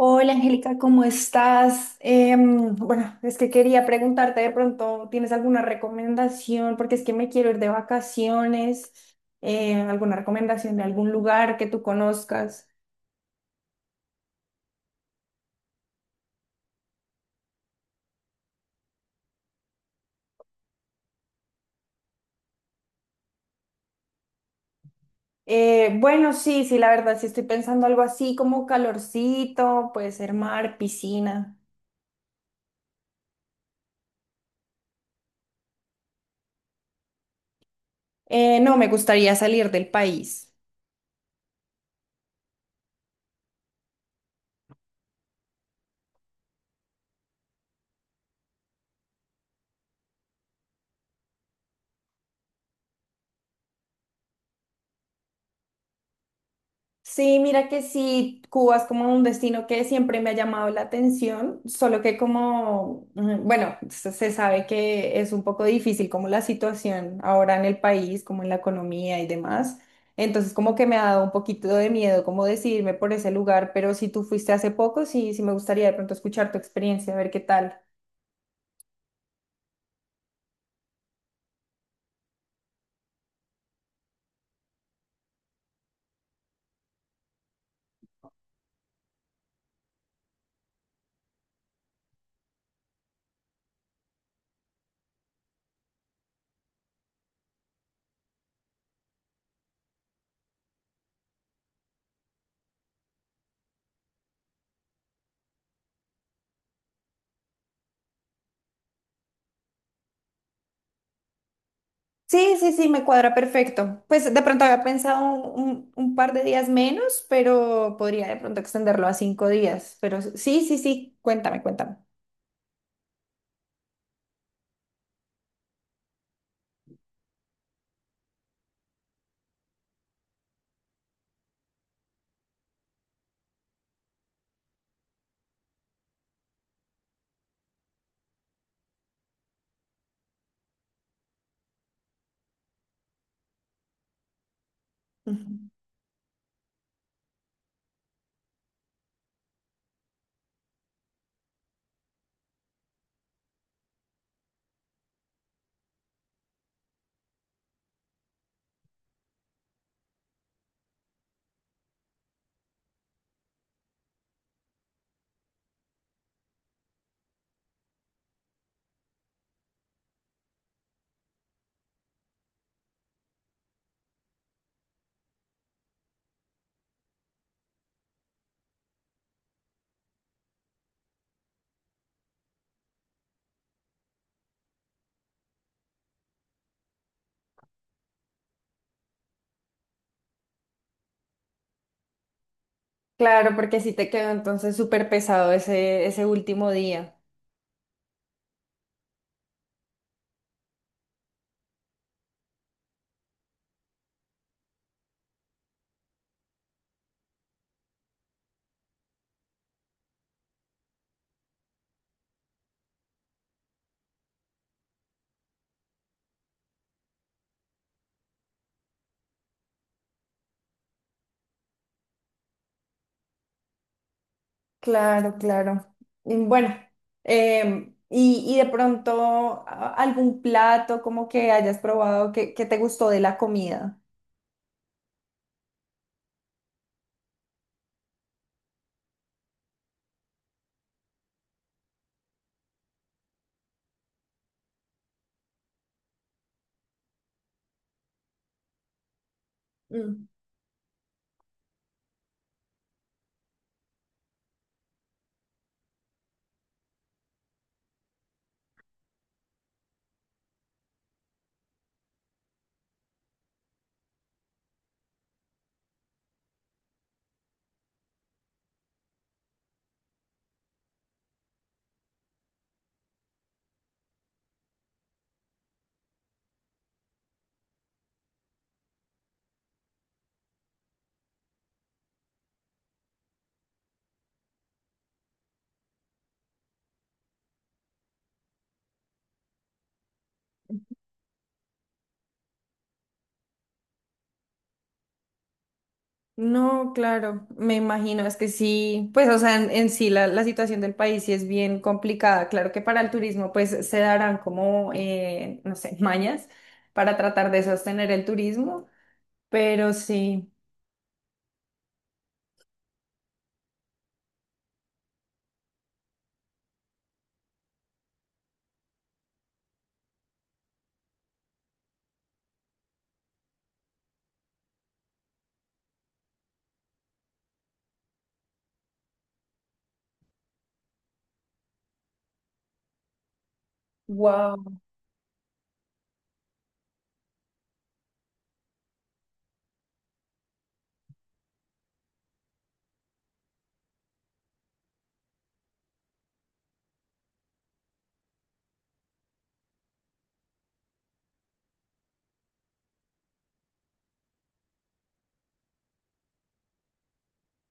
Hola Angélica, ¿cómo estás? Bueno, es que quería preguntarte de pronto, ¿tienes alguna recomendación? Porque es que me quiero ir de vacaciones, alguna recomendación de algún lugar que tú conozcas. Bueno, sí, sí, la verdad, sí estoy pensando algo así como calorcito, puede ser mar, piscina. No, me gustaría salir del país. Sí, mira que sí, Cuba es como un destino que siempre me ha llamado la atención, solo que como, bueno, se sabe que es un poco difícil como la situación ahora en el país, como en la economía y demás. Entonces como que me ha dado un poquito de miedo como decidirme por ese lugar, pero si tú fuiste hace poco, sí, sí me gustaría de pronto escuchar tu experiencia, a ver qué tal. Sí, sí, sí, me cuadra perfecto. Pues de pronto había pensado un par de días menos, pero podría de pronto extenderlo a 5 días. Pero sí, sí, sí, cuéntame, cuéntame. Ujú. Claro, porque sí te quedó entonces súper pesado ese, ese último día. Claro, claro. Y bueno, y de pronto algún plato como que hayas probado que te gustó de la comida. No, claro, me imagino, es que sí, pues o sea, en sí la situación del país sí es bien complicada. Claro que para el turismo pues se darán como, no sé, mañas para tratar de sostener el turismo, pero sí, wow,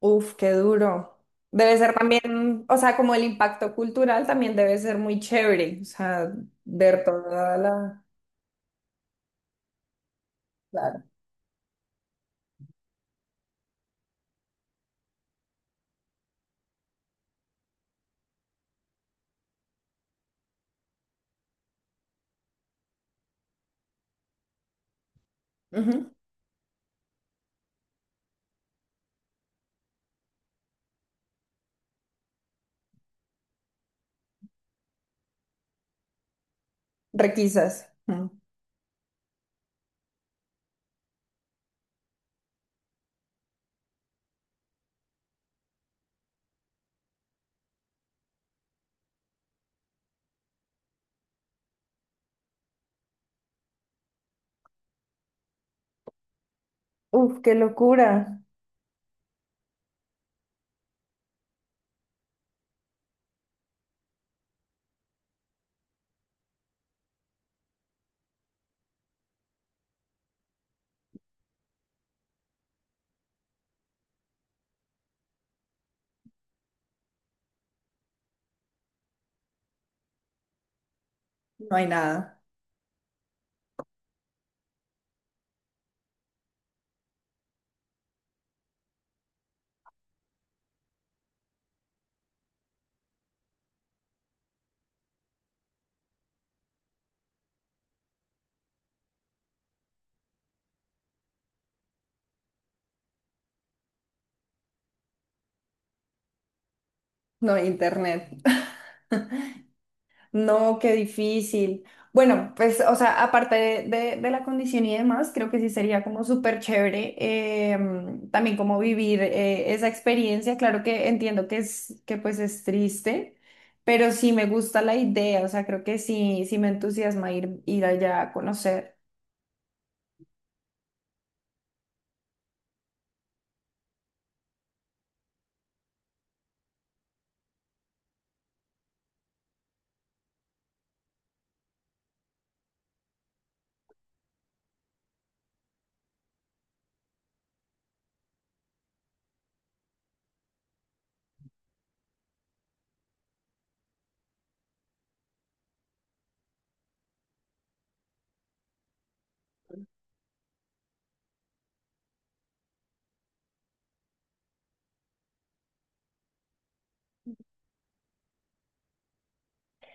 uf, qué duro. Debe ser también, o sea, como el impacto cultural también debe ser muy chévere, o sea, ver toda la, claro, ujú, requisas. Ujú. Uf, qué locura. No hay nada, no hay internet. No, qué difícil. Bueno, pues, o sea, aparte de, de la condición y demás, creo que sí sería como súper chévere, también como vivir esa experiencia. Claro que entiendo que es, que pues es triste, pero sí me gusta la idea, o sea, creo que sí, sí me entusiasma ir, ir allá a conocer.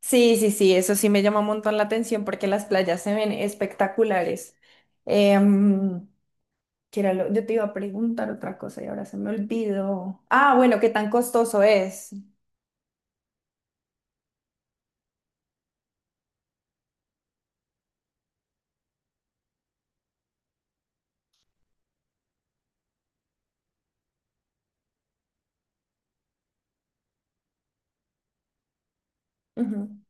Sí, sí, sí, eso sí me llama un montón la atención porque las playas se ven espectaculares. Em, que era yo te iba a preguntar otra cosa y ahora se me olvidó. Ah, bueno, ¿qué tan costoso es? Ujú.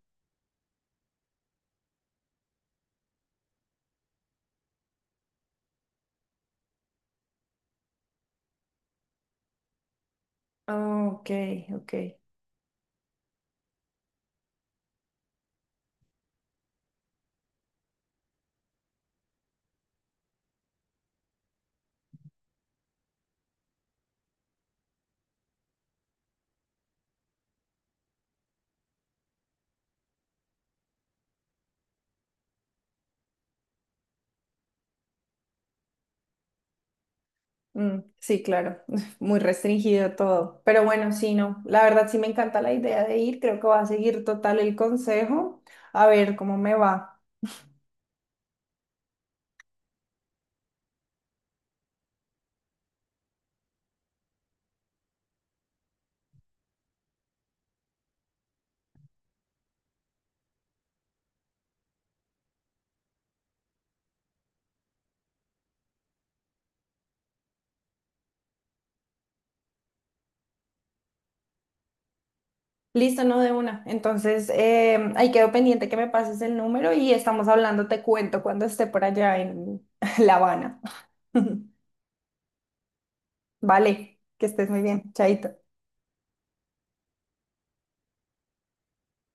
Ah, ok, ok. Mm, sí, claro, muy restringido todo. Pero bueno, sí, no. La verdad sí me encanta la idea de ir. Creo que voy a seguir total el consejo. A ver cómo me va. Listo, no, de una. Entonces, ahí quedo pendiente que me pases el número y estamos hablando. Te cuento cuando esté por allá en La Habana. Vale, que estés muy bien. Chaito.